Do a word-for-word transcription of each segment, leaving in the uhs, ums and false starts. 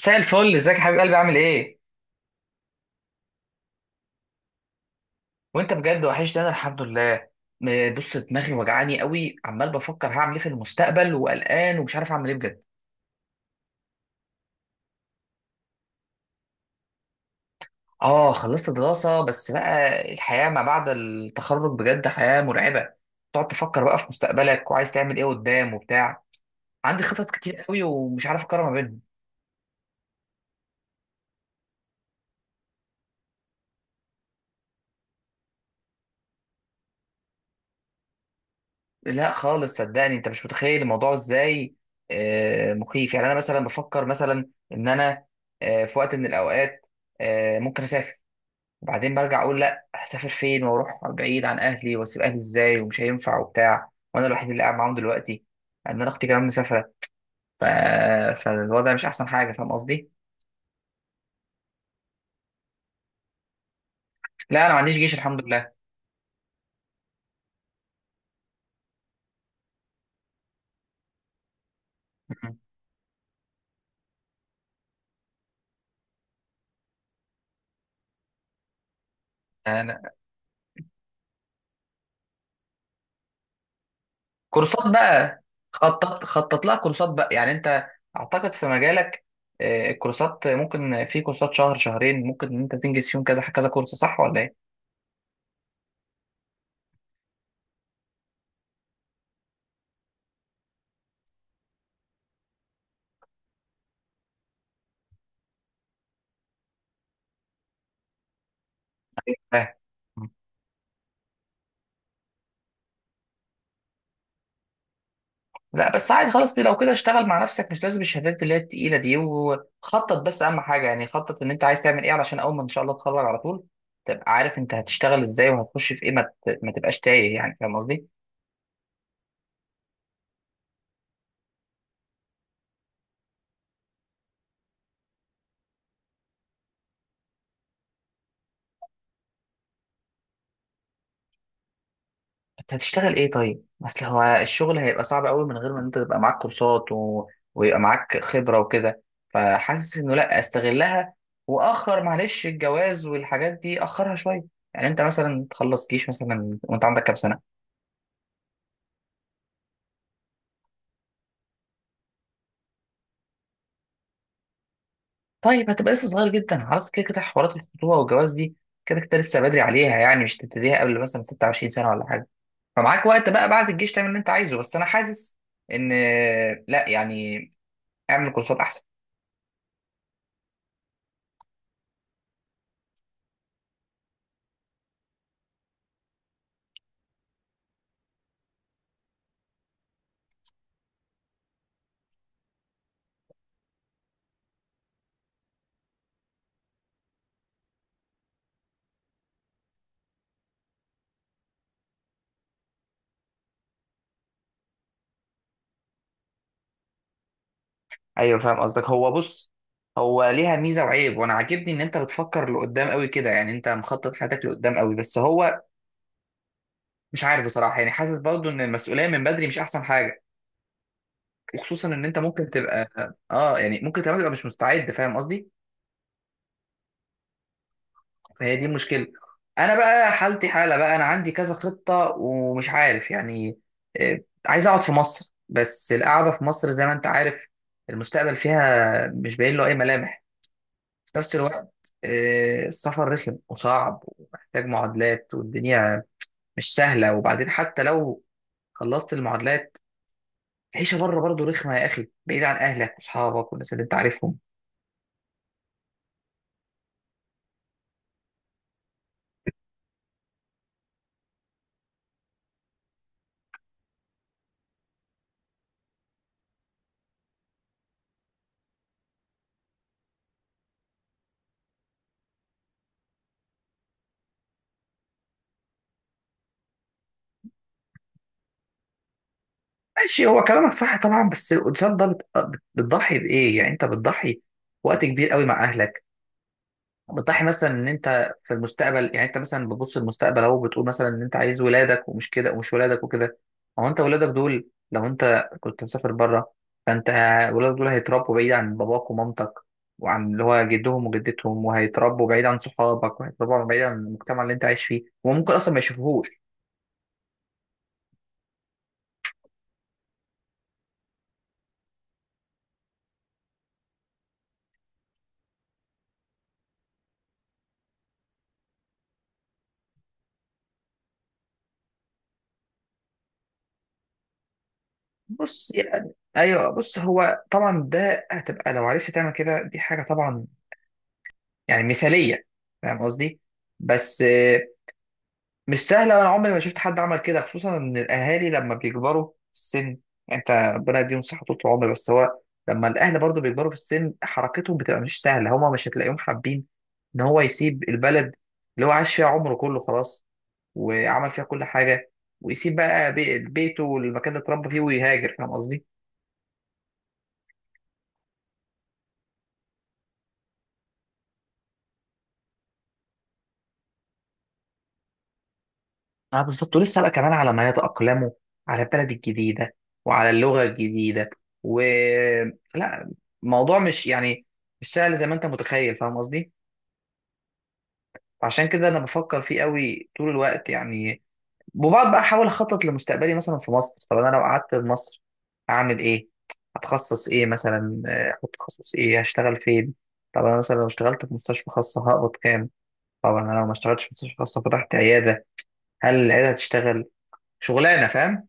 مساء الفل، ازيك يا حبيب قلبي؟ عامل ايه؟ وانت بجد وحشني. انا الحمد لله. م- بص، دماغي وجعاني قوي، عمال بفكر هعمل ايه في المستقبل وقلقان ومش عارف اعمل ايه بجد. اه خلصت دراسة، بس بقى الحياة ما بعد التخرج بجد حياة مرعبة. تقعد تفكر بقى في مستقبلك وعايز تعمل ايه قدام وبتاع. عندي خطط كتير قوي ومش عارف اقرر ما بينهم. لا خالص، صدقني انت مش متخيل الموضوع ازاي. آه، مخيف. يعني انا مثلا بفكر مثلا ان انا آه، في وقت من الاوقات آه، ممكن اسافر، وبعدين برجع اقول لا، هسافر فين واروح بعيد عن اهلي واسيب اهلي ازاي؟ ومش هينفع وبتاع، وانا الوحيد اللي قاعد معاهم دلوقتي. ان انا اختي كمان مسافره. ف... فالوضع مش احسن حاجه، فاهم قصدي؟ لا انا ما عنديش جيش الحمد لله. م- أنا... كورسات بقى. خطط خطط لها كورسات بقى. يعني انت، اعتقد في مجالك، آه، الكورسات ممكن، في كورسات شهر شهرين ممكن ان انت تنجز فيهم كذا كذا كورس، صح ولا ايه؟ أيوة. لا بس عادي خلاص، لو كده اشتغل مع نفسك، مش لازم الشهادات اللي هي التقيلة دي، وخطط بس، أهم حاجة يعني خطط إن أنت عايز تعمل إيه علشان أول ما إن شاء الله تتخرج على طول تبقى عارف أنت هتشتغل إزاي وهتخش في إيه، ما, ت... ما تبقاش تايه، يعني فاهم قصدي؟ أنت هتشتغل إيه طيب؟ أصل هو الشغل هيبقى صعب أوي من غير ما أنت تبقى معاك كورسات و... ويبقى معاك خبرة وكده. فحاسس إنه لا، أستغلها، وأخر معلش الجواز والحاجات دي أخرها شوية. يعني أنت مثلا تخلص جيش مثلا وأنت عندك كام سنة؟ طيب هتبقى لسه صغير جدا، خلاص كده كده حوارات الخطوبه والجواز دي كده كده لسه بدري عليها. يعني مش تبتديها قبل مثلا ستة وعشرين سنه ولا حاجه، فمعاك وقت بقى بعد الجيش تعمل اللي انت عايزه. بس انا حاسس ان، لا يعني، اعمل كورسات احسن. ايوه فاهم قصدك. هو بص، هو ليها ميزه وعيب، وانا عاجبني ان انت بتفكر لقدام قوي كده، يعني انت مخطط حياتك لقدام قوي. بس هو مش عارف بصراحه، يعني حاسس برضو ان المسؤوليه من بدري مش احسن حاجه، وخصوصا ان انت ممكن تبقى، اه يعني ممكن تبقى تبقى مش مستعد، فاهم قصدي؟ فهي دي المشكلة. أنا بقى حالتي حالة بقى، أنا عندي كذا خطة ومش عارف يعني. آه، عايز أقعد في مصر، بس القعدة في مصر، زي ما أنت عارف، المستقبل فيها مش باين له أي ملامح. في نفس الوقت آه، السفر رخم وصعب ومحتاج معادلات، والدنيا مش سهلة. وبعدين حتى لو خلصت المعادلات، العيشة بره برضه رخمة يا أخي، بعيد عن أهلك وأصحابك والناس اللي أنت عارفهم. ماشي، هو كلامك صح طبعا، بس الانسان ده بت- بتضحي بايه؟ يعني انت بتضحي وقت كبير قوي مع اهلك، بتضحي مثلا ان انت في المستقبل. يعني انت مثلا بتبص للمستقبل اهو، بتقول مثلا ان انت عايز ولادك ومش كده ومش ولادك وكده. هو انت ولادك دول، لو انت كنت مسافر بره، فانت ولادك دول هيتربوا بعيد عن باباك ومامتك وعن اللي هو جدهم وجدتهم، وهيتربوا بعيد عن صحابك، وهيتربوا بعيد عن المجتمع اللي انت عايش فيه، وممكن اصلا ما يشوفوهوش. بص يعني ايوه، بص هو طبعا ده هتبقى، لو عرفت تعمل كده دي حاجه طبعا يعني مثاليه، فاهم قصدي؟ بس آه، مش سهله، وانا عمري ما شفت حد عمل كده، خصوصا ان الاهالي لما بيكبروا في السن، يعني انت ربنا يديهم صحه طول العمر، بس هو لما الاهل برضو بيكبروا في السن حركتهم بتبقى مش سهله، هما مش هتلاقيهم حابين ان هو يسيب البلد اللي هو عاش فيها عمره كله خلاص وعمل فيها كل حاجه، ويسيب بقى بي- بيته والمكان اللي اتربى فيه ويهاجر، فاهم قصدي؟ اه بالظبط، ولسه بقى كمان على ما يتأقلموا على البلد الجديدة وعلى اللغة الجديدة و، لا، الموضوع مش يعني، مش سهل زي ما انت متخيل، فاهم قصدي؟ عشان كده انا بفكر فيه قوي طول الوقت يعني. وبقعد بقى احاول اخطط لمستقبلي مثلا في مصر. طب انا لو قعدت في مصر اعمل ايه؟ هتخصص ايه مثلا؟ آه، احط تخصص ايه؟ هشتغل فين؟ طب انا مثلا لو اشتغلت في مستشفى خاصة هقبض كام؟ طب انا لو ما اشتغلتش في مستشفى خاصة فتحت عيادة، هل العيادة هتشتغل؟ شغلانة، فاهم؟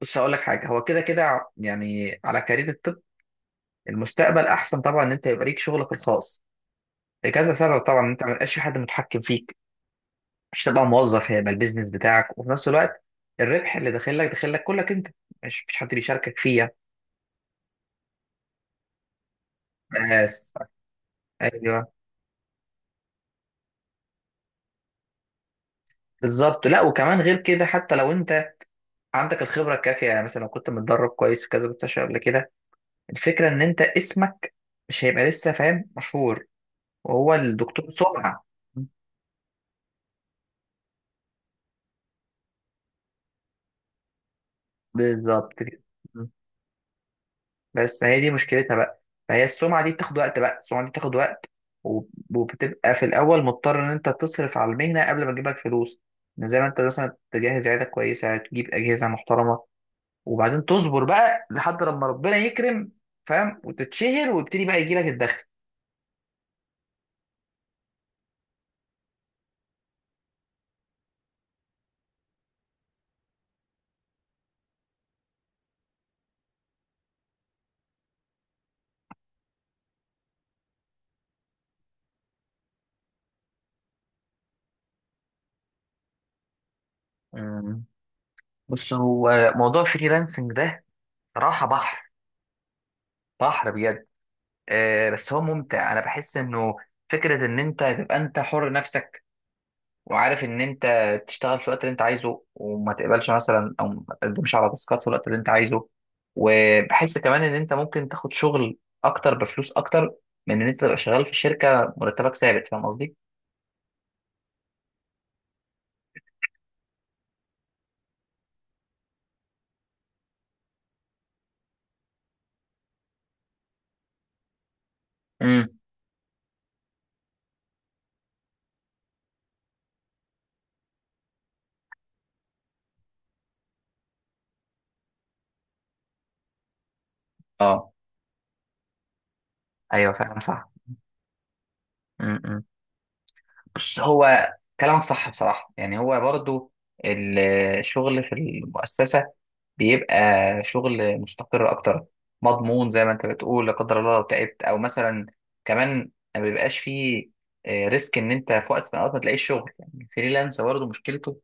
بص هقول لك حاجه، هو كده كده يعني على كارير الطب المستقبل احسن طبعا ان انت يبقى ليك شغلك الخاص، لكذا سبب طبعا. انت ما يبقاش في حد متحكم فيك، مش تبقى موظف، هيبقى البيزنس بتاعك، وفي نفس الوقت الربح اللي داخل لك داخل لك كلك انت، مش مش حد بيشاركك فيه. بس ايوه بالظبط. لا وكمان غير كده، حتى لو انت عندك الخبره الكافيه، يعني مثلا لو كنت متدرب كويس في كذا مستشفى قبل كده، الفكره ان انت اسمك مش هيبقى لسه فاهم مشهور، وهو الدكتور سمعه. بالظبط كده. بس ما هي دي مشكلتها بقى، فهي السمعة دي بتاخد وقت بقى، السمعة دي بتاخد وقت وب- وبتبقى في الأول مضطر إن أنت تصرف على المهنة قبل ما تجيب لك فلوس، إن زي ما أنت مثلا تجهز عيادة كويسة، تجيب أجهزة محترمة، وبعدين تصبر بقى لحد لما ربنا يكرم، فاهم؟ وتتشهر ويبتدي بقى يجي لك الدخل. أمم. بص، هو موضوع فريلانسنج ده صراحة بحر، بحر بجد. آه بس هو ممتع، أنا بحس إنه فكرة إن أنت تبقى أنت حر نفسك، وعارف ان انت تشتغل في الوقت اللي انت عايزه، وما تقبلش مثلا او ما تقدمش على تاسكات في الوقت اللي انت عايزه. وبحس كمان ان انت ممكن تاخد شغل اكتر بفلوس اكتر من ان انت تبقى شغال في شركه مرتبك ثابت، فاهم قصدي؟ امم. اه ايوه فاهم صح. امم. بس هو كلامك صح بصراحه، يعني هو برضو الشغل في المؤسسه بيبقى شغل مستقر اكتر، مضمون زي ما انت بتقول. لا قدر الله لو تعبت او مثلا، كمان ما بيبقاش فيه آه، ريسك ان انت في وقت من الاوقات ما تلاقيش شغل. يعني الفريلانس برضه مشكلته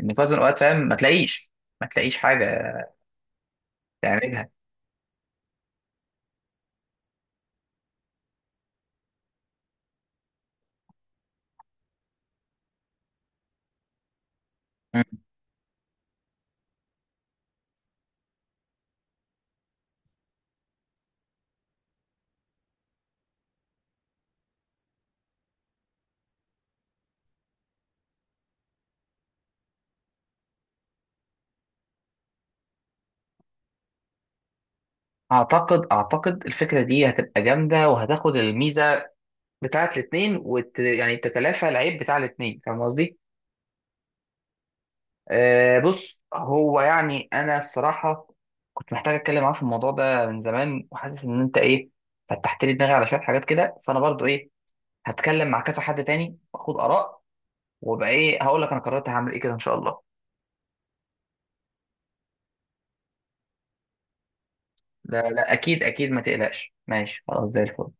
ان في وقت من الاوقات، فاهم، ما تلاقيش ما تلاقيش حاجه تعملها. مم. اعتقد اعتقد الفكره دي هتبقى جامده، وهتاخد الميزه بتاعت الاتنين وت... يعني تتلافى العيب بتاع الاتنين، فاهم قصدي؟ آه، بص هو يعني انا الصراحه كنت محتاج اتكلم معاه في الموضوع ده من زمان، وحاسس ان انت ايه فتحت لي دماغي على شويه حاجات كده. فانا برضو ايه، هتكلم مع كذا حد تاني واخد اراء، وابقى ايه هقول لك انا قررت هعمل ايه كده ان شاء الله. لا لا اكيد اكيد، ما تقلقش، ماشي خلاص زي الفل.